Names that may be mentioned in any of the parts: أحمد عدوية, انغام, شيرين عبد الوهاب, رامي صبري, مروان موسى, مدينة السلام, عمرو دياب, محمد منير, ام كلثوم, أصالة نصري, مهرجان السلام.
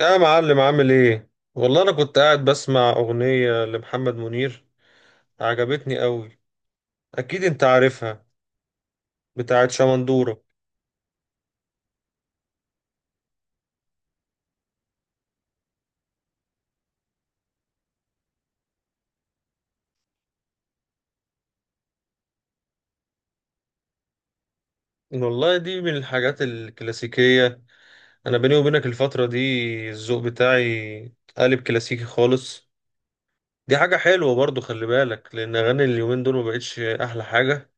يا معلم، عامل ايه؟ والله انا كنت قاعد بسمع اغنية لمحمد منير، عجبتني قوي. اكيد انت عارفها، بتاعت شمندورة. والله دي من الحاجات الكلاسيكية. انا بيني وبينك الفترة دي الذوق بتاعي قالب كلاسيكي خالص. دي حاجة حلوة برضو، خلي بالك لان اغاني اليومين دول ما بقتش احلى حاجة.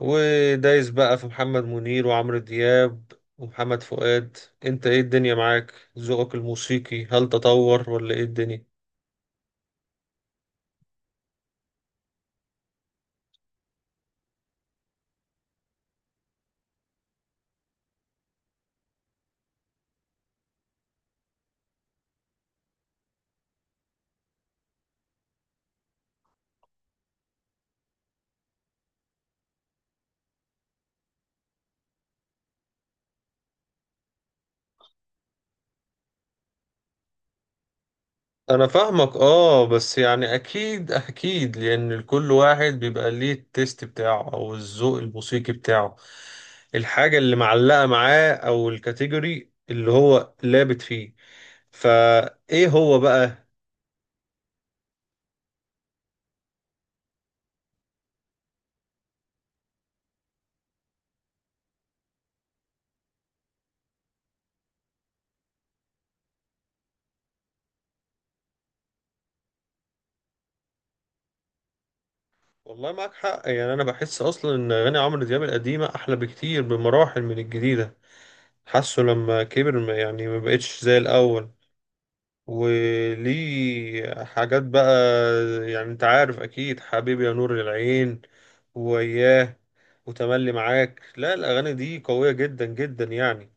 ودايس بقى في محمد منير وعمرو دياب ومحمد فؤاد. انت ايه الدنيا معاك؟ ذوقك الموسيقي هل تطور ولا ايه الدنيا؟ انا فاهمك. اه، بس يعني اكيد اكيد لان كل واحد بيبقى ليه التيست بتاعه او الذوق الموسيقي بتاعه، الحاجة اللي معلقة معاه او الكاتيجوري اللي هو لابت فيه. فايه هو بقى؟ والله معاك حق، يعني انا بحس اصلا ان اغاني عمرو دياب القديمة احلى بكتير بمراحل من الجديدة. حاسه لما كبر يعني ما بقتش زي الاول، وليه حاجات بقى. يعني انت عارف اكيد حبيبي يا نور العين، وياه، وتملي معاك. لا، الاغاني دي قوية جدا جدا يعني.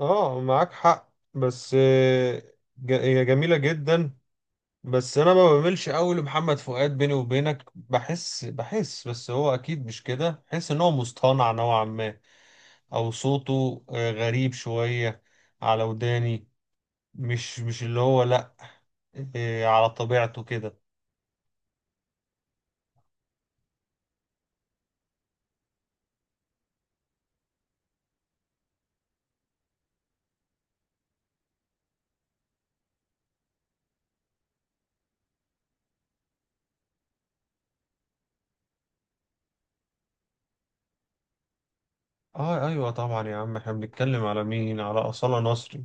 اه معاك حق، بس هي جميلة جدا. بس انا ما بميلش قوي لمحمد فؤاد، بيني وبينك بحس بس هو اكيد مش كده، بحس ان هو مصطنع نوعا ما، او صوته غريب شوية على وداني. مش اللي هو لأ، إيه، على طبيعته كده. اه ايوه طبعا يا عم. احنا بنتكلم على مين؟ على أصالة نصري.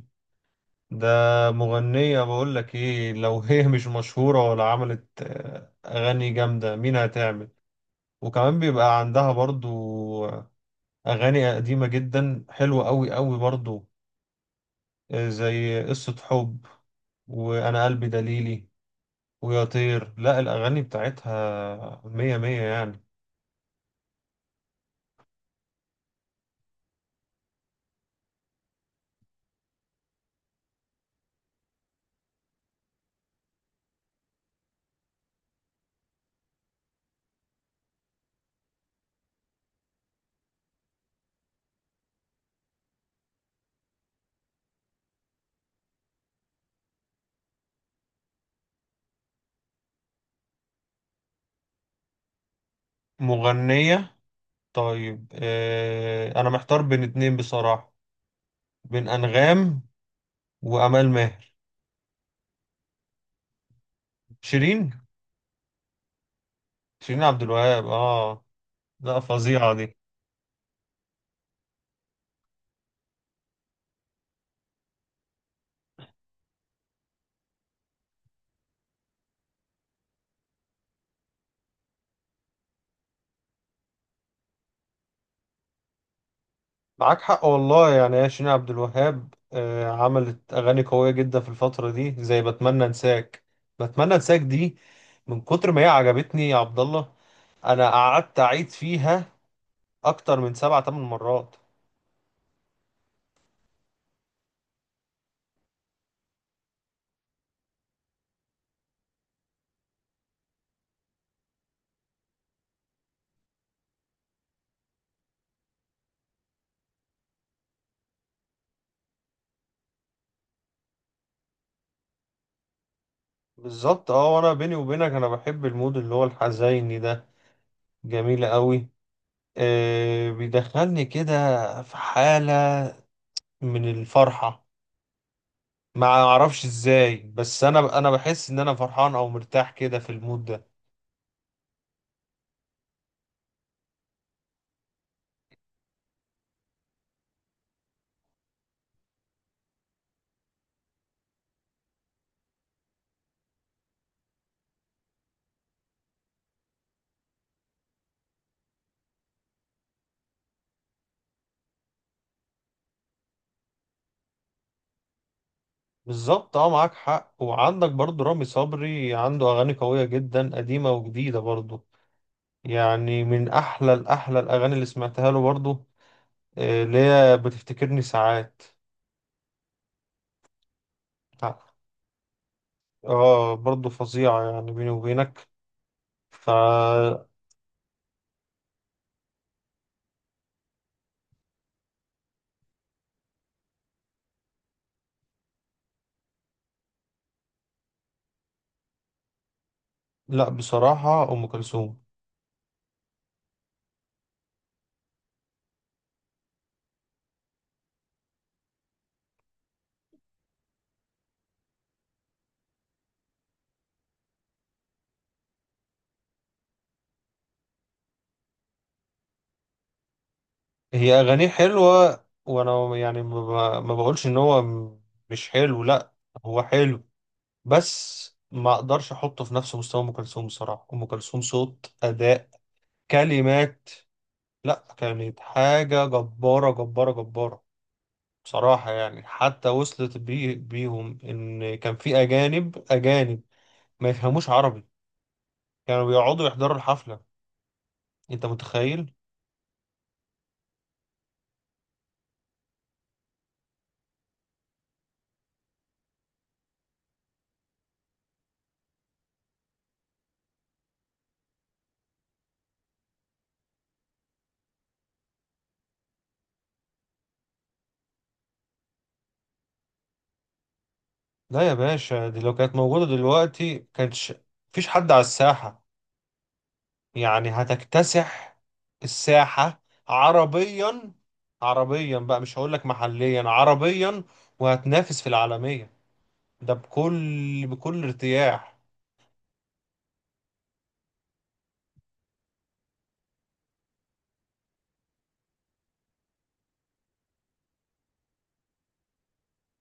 ده مغنية بقول لك ايه، لو هي مش مشهورة ولا عملت اغاني جامدة، مين هتعمل؟ وكمان بيبقى عندها برضو آه، اغاني قديمة جدا، حلوة قوي قوي برضو، زي قصة حب، وانا قلبي دليلي، ويا طير. لا، الاغاني بتاعتها مية مية يعني. مغنية. طيب، انا محتار بين اتنين بصراحة، بين انغام وامال ماهر. شيرين شيرين عبد الوهاب، اه. لا فظيعة دي. معاك حق والله، يعني يا شيرين عبد الوهاب آه عملت اغاني قوية جدا في الفترة دي، زي بتمنى انساك. بتمنى انساك دي من كتر ما هي عجبتني يا عبد الله، انا قعدت اعيد فيها اكتر من 7 8 مرات. بالظبط. اه وانا بيني وبينك انا بحب المود اللي هو الحزيني ده، جميل قوي. بيدخلني كده في حالة من الفرحة، ما اعرفش ازاي، بس انا بحس ان انا فرحان او مرتاح كده في المود ده. بالظبط. اه معاك حق. وعندك برضو رامي صبري، عنده اغاني قوية جدا قديمة وجديدة برضو، يعني من احلى الاحلى الاغاني اللي سمعتها له برضو، اللي هي بتفتكرني ساعات. اه برضو فظيعة يعني بيني وبينك. فلا. بصراحة ام كلثوم. هي أغانيه حلوة، وأنا يعني ما ما بقولش إن هو مش حلو، لأ، هو حلو. بس ما أقدرش أحطه في نفس مستوى أم كلثوم. بصراحة أم كلثوم، صوت، أداء، كلمات، لأ، كانت حاجة جبارة جبارة جبارة بصراحة. يعني حتى وصلت بي بيهم إن كان في أجانب أجانب ما يفهموش عربي كانوا بيقعدوا يحضروا الحفلة. أنت متخيل؟ لا يا باشا، دي لو كانت موجودة دلوقتي كانتش مفيش حد على الساحة، يعني هتكتسح الساحة عربيا. عربيا بقى، مش هقول لك محليا، عربيا، وهتنافس في العالمية، ده بكل بكل ارتياح.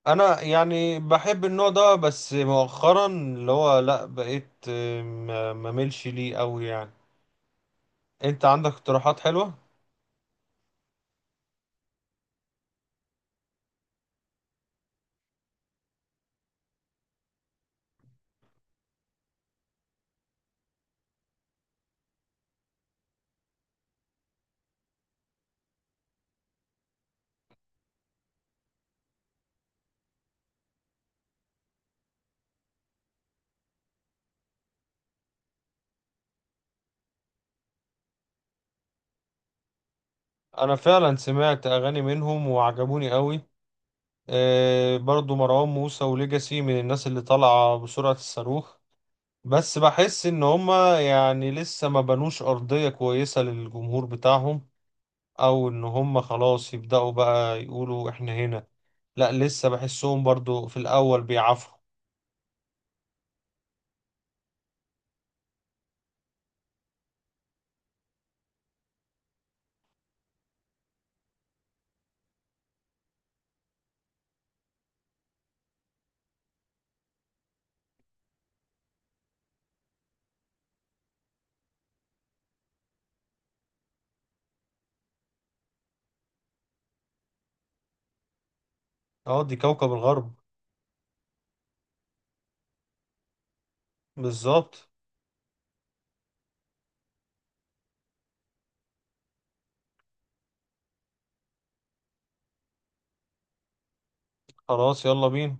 انا يعني بحب النوع ده، بس مؤخرا اللي هو لا بقيت ما مملش ليه قوي يعني. انت عندك اقتراحات حلوة؟ انا فعلا سمعت اغاني منهم وعجبوني قوي. برضو مروان موسى وليجاسي من الناس اللي طالعة بسرعة الصاروخ، بس بحس ان هما يعني لسه ما بنوش ارضية كويسة للجمهور بتاعهم، او ان هما خلاص يبدأوا بقى يقولوا احنا هنا. لا، لسه بحسهم برضو في الاول بيعافروا. اه دي كوكب الغرب. بالظبط. خلاص يلا بينا.